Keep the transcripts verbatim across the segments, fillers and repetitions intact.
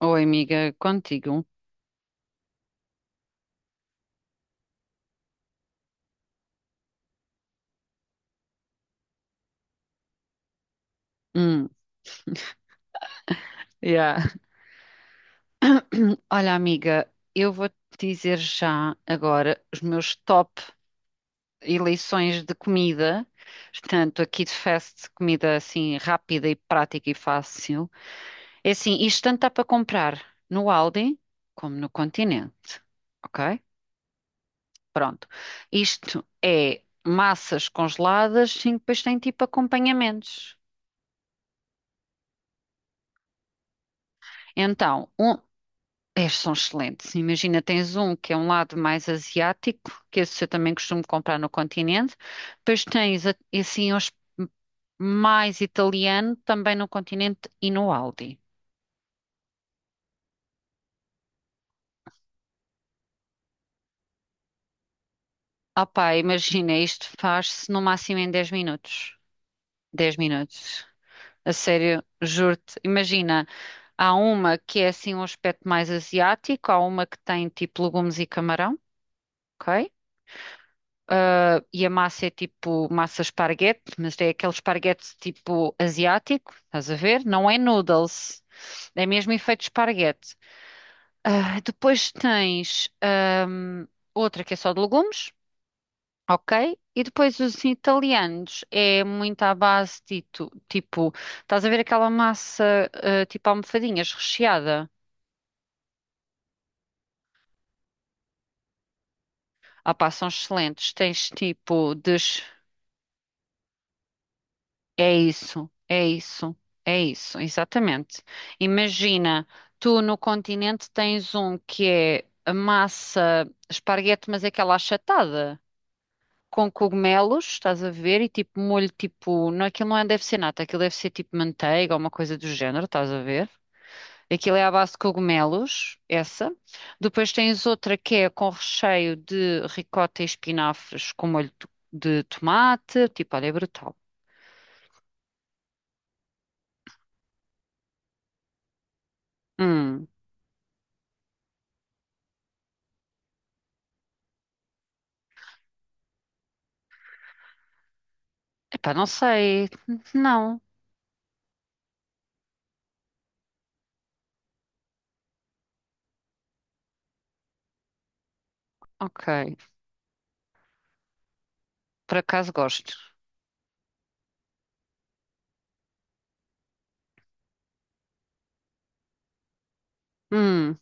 Oi, amiga, contigo. Hum, yeah. Olha, amiga, eu vou te dizer já agora os meus top eleições de comida. Portanto, aqui de fast, comida assim rápida e prática e fácil. É assim, isto tanto dá para comprar no Aldi como no Continente. Ok? Pronto. Isto é massas congeladas, sim, depois tem tipo acompanhamentos. Então, um. É, são excelentes. Imagina, tens um que é um lado mais asiático, que esse eu também costumo comprar no continente. Depois tens a- assim os mais italiano também no continente e no Aldi. Opá, imagina, isto faz-se no máximo em dez minutos. Dez minutos. A sério, juro-te. Imagina, há uma que é assim um aspecto mais asiático, há uma que tem tipo legumes e camarão, ok? Ah, e a massa é tipo massa esparguete, mas é aquele esparguete tipo asiático, estás a ver? Não é noodles, é mesmo efeito esparguete. Ah, depois tens ahm, outra que é só de legumes, ok? E depois os italianos é muito à base de tu- tipo, estás a ver aquela massa ah, tipo almofadinhas recheada? Ah pá, são excelentes. Tens tipo de. É isso, é isso, é isso, exatamente. Imagina, tu no continente tens um que é a massa esparguete, mas é aquela achatada, com cogumelos, estás a ver, e tipo molho, tipo, não, aquilo não é, deve ser nata, aquilo deve ser tipo manteiga ou uma coisa do género, estás a ver? Aquilo é à base de cogumelos, essa. Depois tens outra que é com recheio de ricota e espinafres com molho de de tomate, tipo, olha, é brutal. Hum. Epá, não sei. Não. Ok. Por acaso gosto. Hum,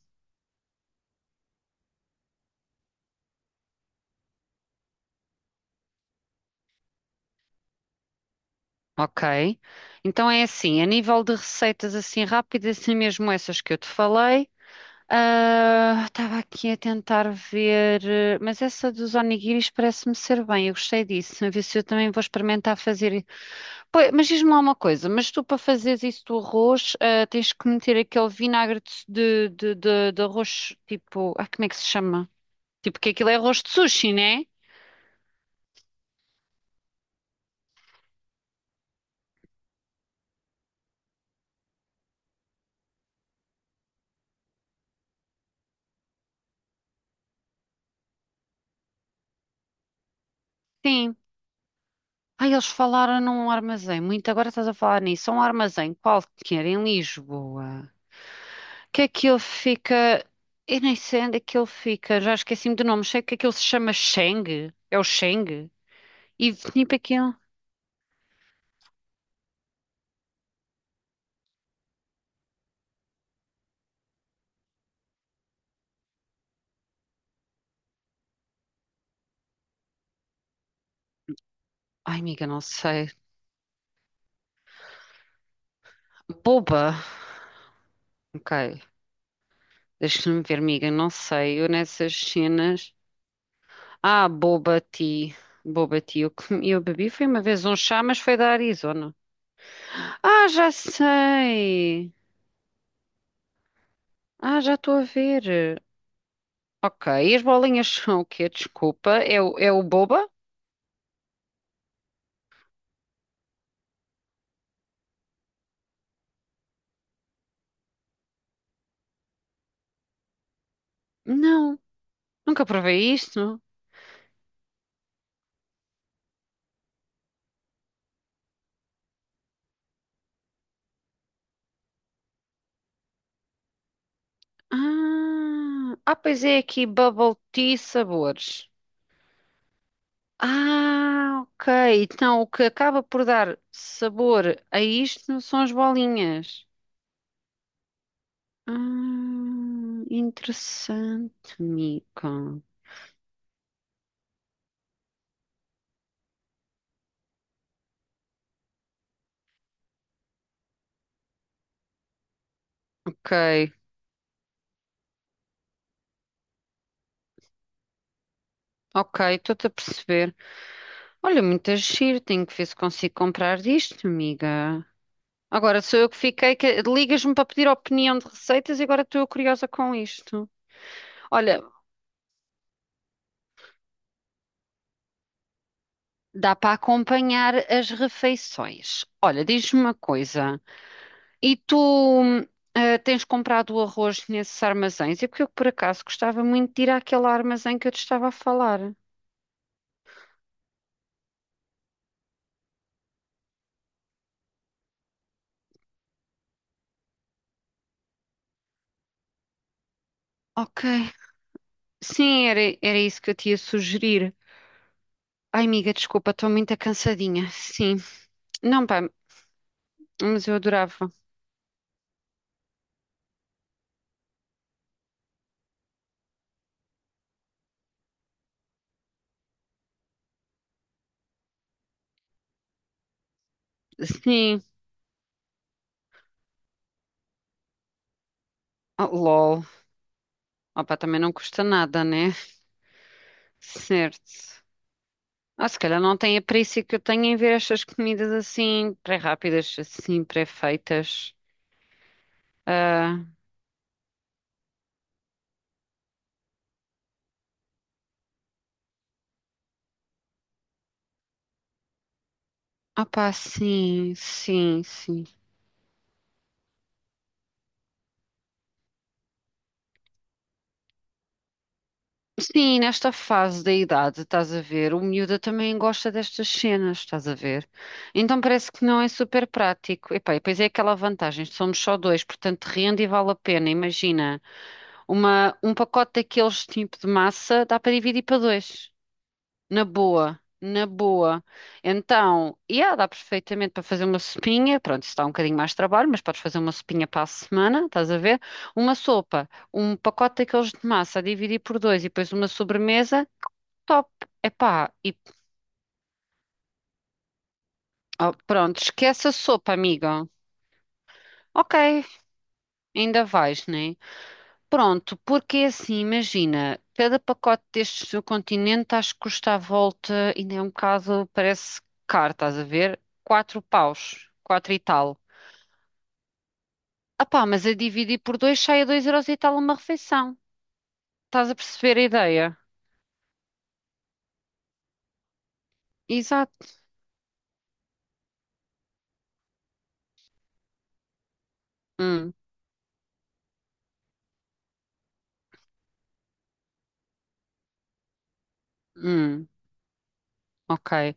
ok. Então é assim, a nível de receitas assim rápidas, assim mesmo essas que eu te falei. Ah, estava aqui a tentar ver, eh, mas essa dos onigiris parece-me ser bem, eu gostei disso. A ver se eu também vou experimentar fazer. Pois, mas diz-me lá uma coisa, mas tu para fazeres isso do arroz, ah, tens que meter aquele vinagre de, de, de, de arroz, tipo, ah, como é que se chama? Tipo, que aquilo é arroz de sushi, né? Sim. Ah, eles falaram num armazém. Muito agora estás a falar nisso. É Um armazém qualquer em Lisboa. Que aquilo fica. Eu nem sei onde é que ele fica. Já esqueci-me do nome. Sei que aquilo se chama Sheng. É o Sheng. E tipo aquilo. Ai, amiga, não sei. Boba. Ok. Deixa-me ver, amiga. Não sei. Eu nessas cenas. Ah, Boba Tea. Boba Tea. Eu, comi- eu bebi foi uma vez um chá, mas foi da Arizona. Ah, já sei. Ah, já estou a ver. Ok, e as bolinhas são o quê? Desculpa, é o, é o boba? Não, nunca provei isto. Ah, ah, pois é aqui bubble tea sabores. Ah, ok, então o que acaba por dar sabor a isto são as bolinhas. Ah, interessante, Mica. Ok, ok, estou-te a perceber. Olha, muito giro, tenho que ver se consigo comprar disto, amiga. Agora sou eu que fiquei, que ligas-me para pedir opinião de receitas e agora estou eu curiosa com isto. Olha, dá para acompanhar as refeições. Olha, diz-me uma coisa. E tu eh, tens comprado o arroz nesses armazéns? É porque eu, por acaso, gostava muito de ir àquele armazém que eu te estava a falar. Ok. Sim, era, era isso que eu te ia sugerir. Ai, amiga, desculpa, estou muito cansadinha. Sim. Não, pá, mas eu adorava. Sim. Oh, lol. Opa, também não custa nada, né? Certo. Ah, se calhar não tem a perícia que eu tenho em ver estas comidas assim, pré-rápidas, assim, pré-feitas. Ah, opá, sim, sim, sim. Sim, nesta fase da idade, estás a ver, o miúda também gosta destas cenas, estás a ver? Então parece que não é super prático. Epá, e depois é aquela vantagem, somos só dois, portanto rende e vale a pena. Imagina, uma, um pacote daqueles tipo de massa dá para dividir para dois. Na boa, na boa. Então, yeah, dá perfeitamente para fazer uma sopinha. Pronto, isso dá um bocadinho mais de trabalho, mas podes fazer uma sopinha para a semana, estás a ver? Uma sopa, um pacote daqueles de massa a dividir por dois e depois uma sobremesa, top. Epá, e oh, pronto, esquece a sopa, amiga. Ok, ainda vais, né? Pronto, porque é assim, imagina, cada pacote destes do continente acho que custa à volta, ainda é um bocado, parece caro, estás a ver? Quatro paus, quatro e tal. Ah pá, mas a dividir por dois sai a dois euros e tal uma refeição. Estás a perceber a ideia? Exato. Hum, hum, ok.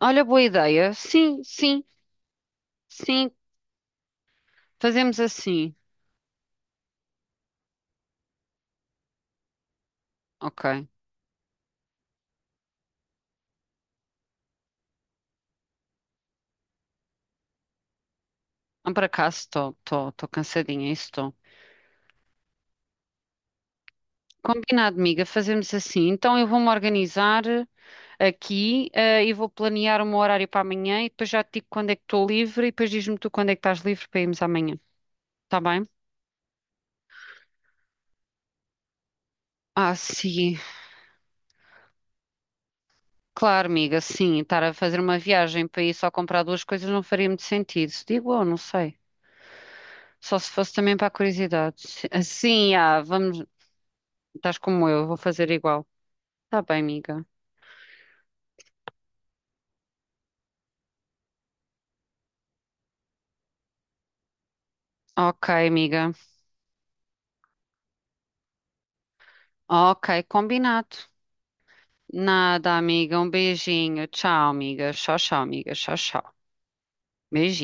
Olha, boa ideia. Sim, sim, sim, fazemos assim. Ok. Ah, por acaso estou, estou, estou cansadinha, isso estou. Combinado, amiga, fazemos assim. Então eu vou-me organizar aqui, eh, e vou planear um horário para amanhã e depois já te digo quando é que estou livre e depois diz-me tu quando é que estás livre para irmos amanhã, está bem? Ah, sim, claro, amiga, sim, estar a fazer uma viagem para ir só comprar duas coisas não faria muito sentido, digo eu, não sei. Só se fosse também para a curiosidade. Si- Sim, ah, vamos, estás como eu, vou fazer igual. Está bem, amiga. Ok, amiga. Ok, combinado. Nada, amiga, um beijinho. Tchau, amiga. Tchau, tchau, amiga. Tchau, tchau. Beijinho.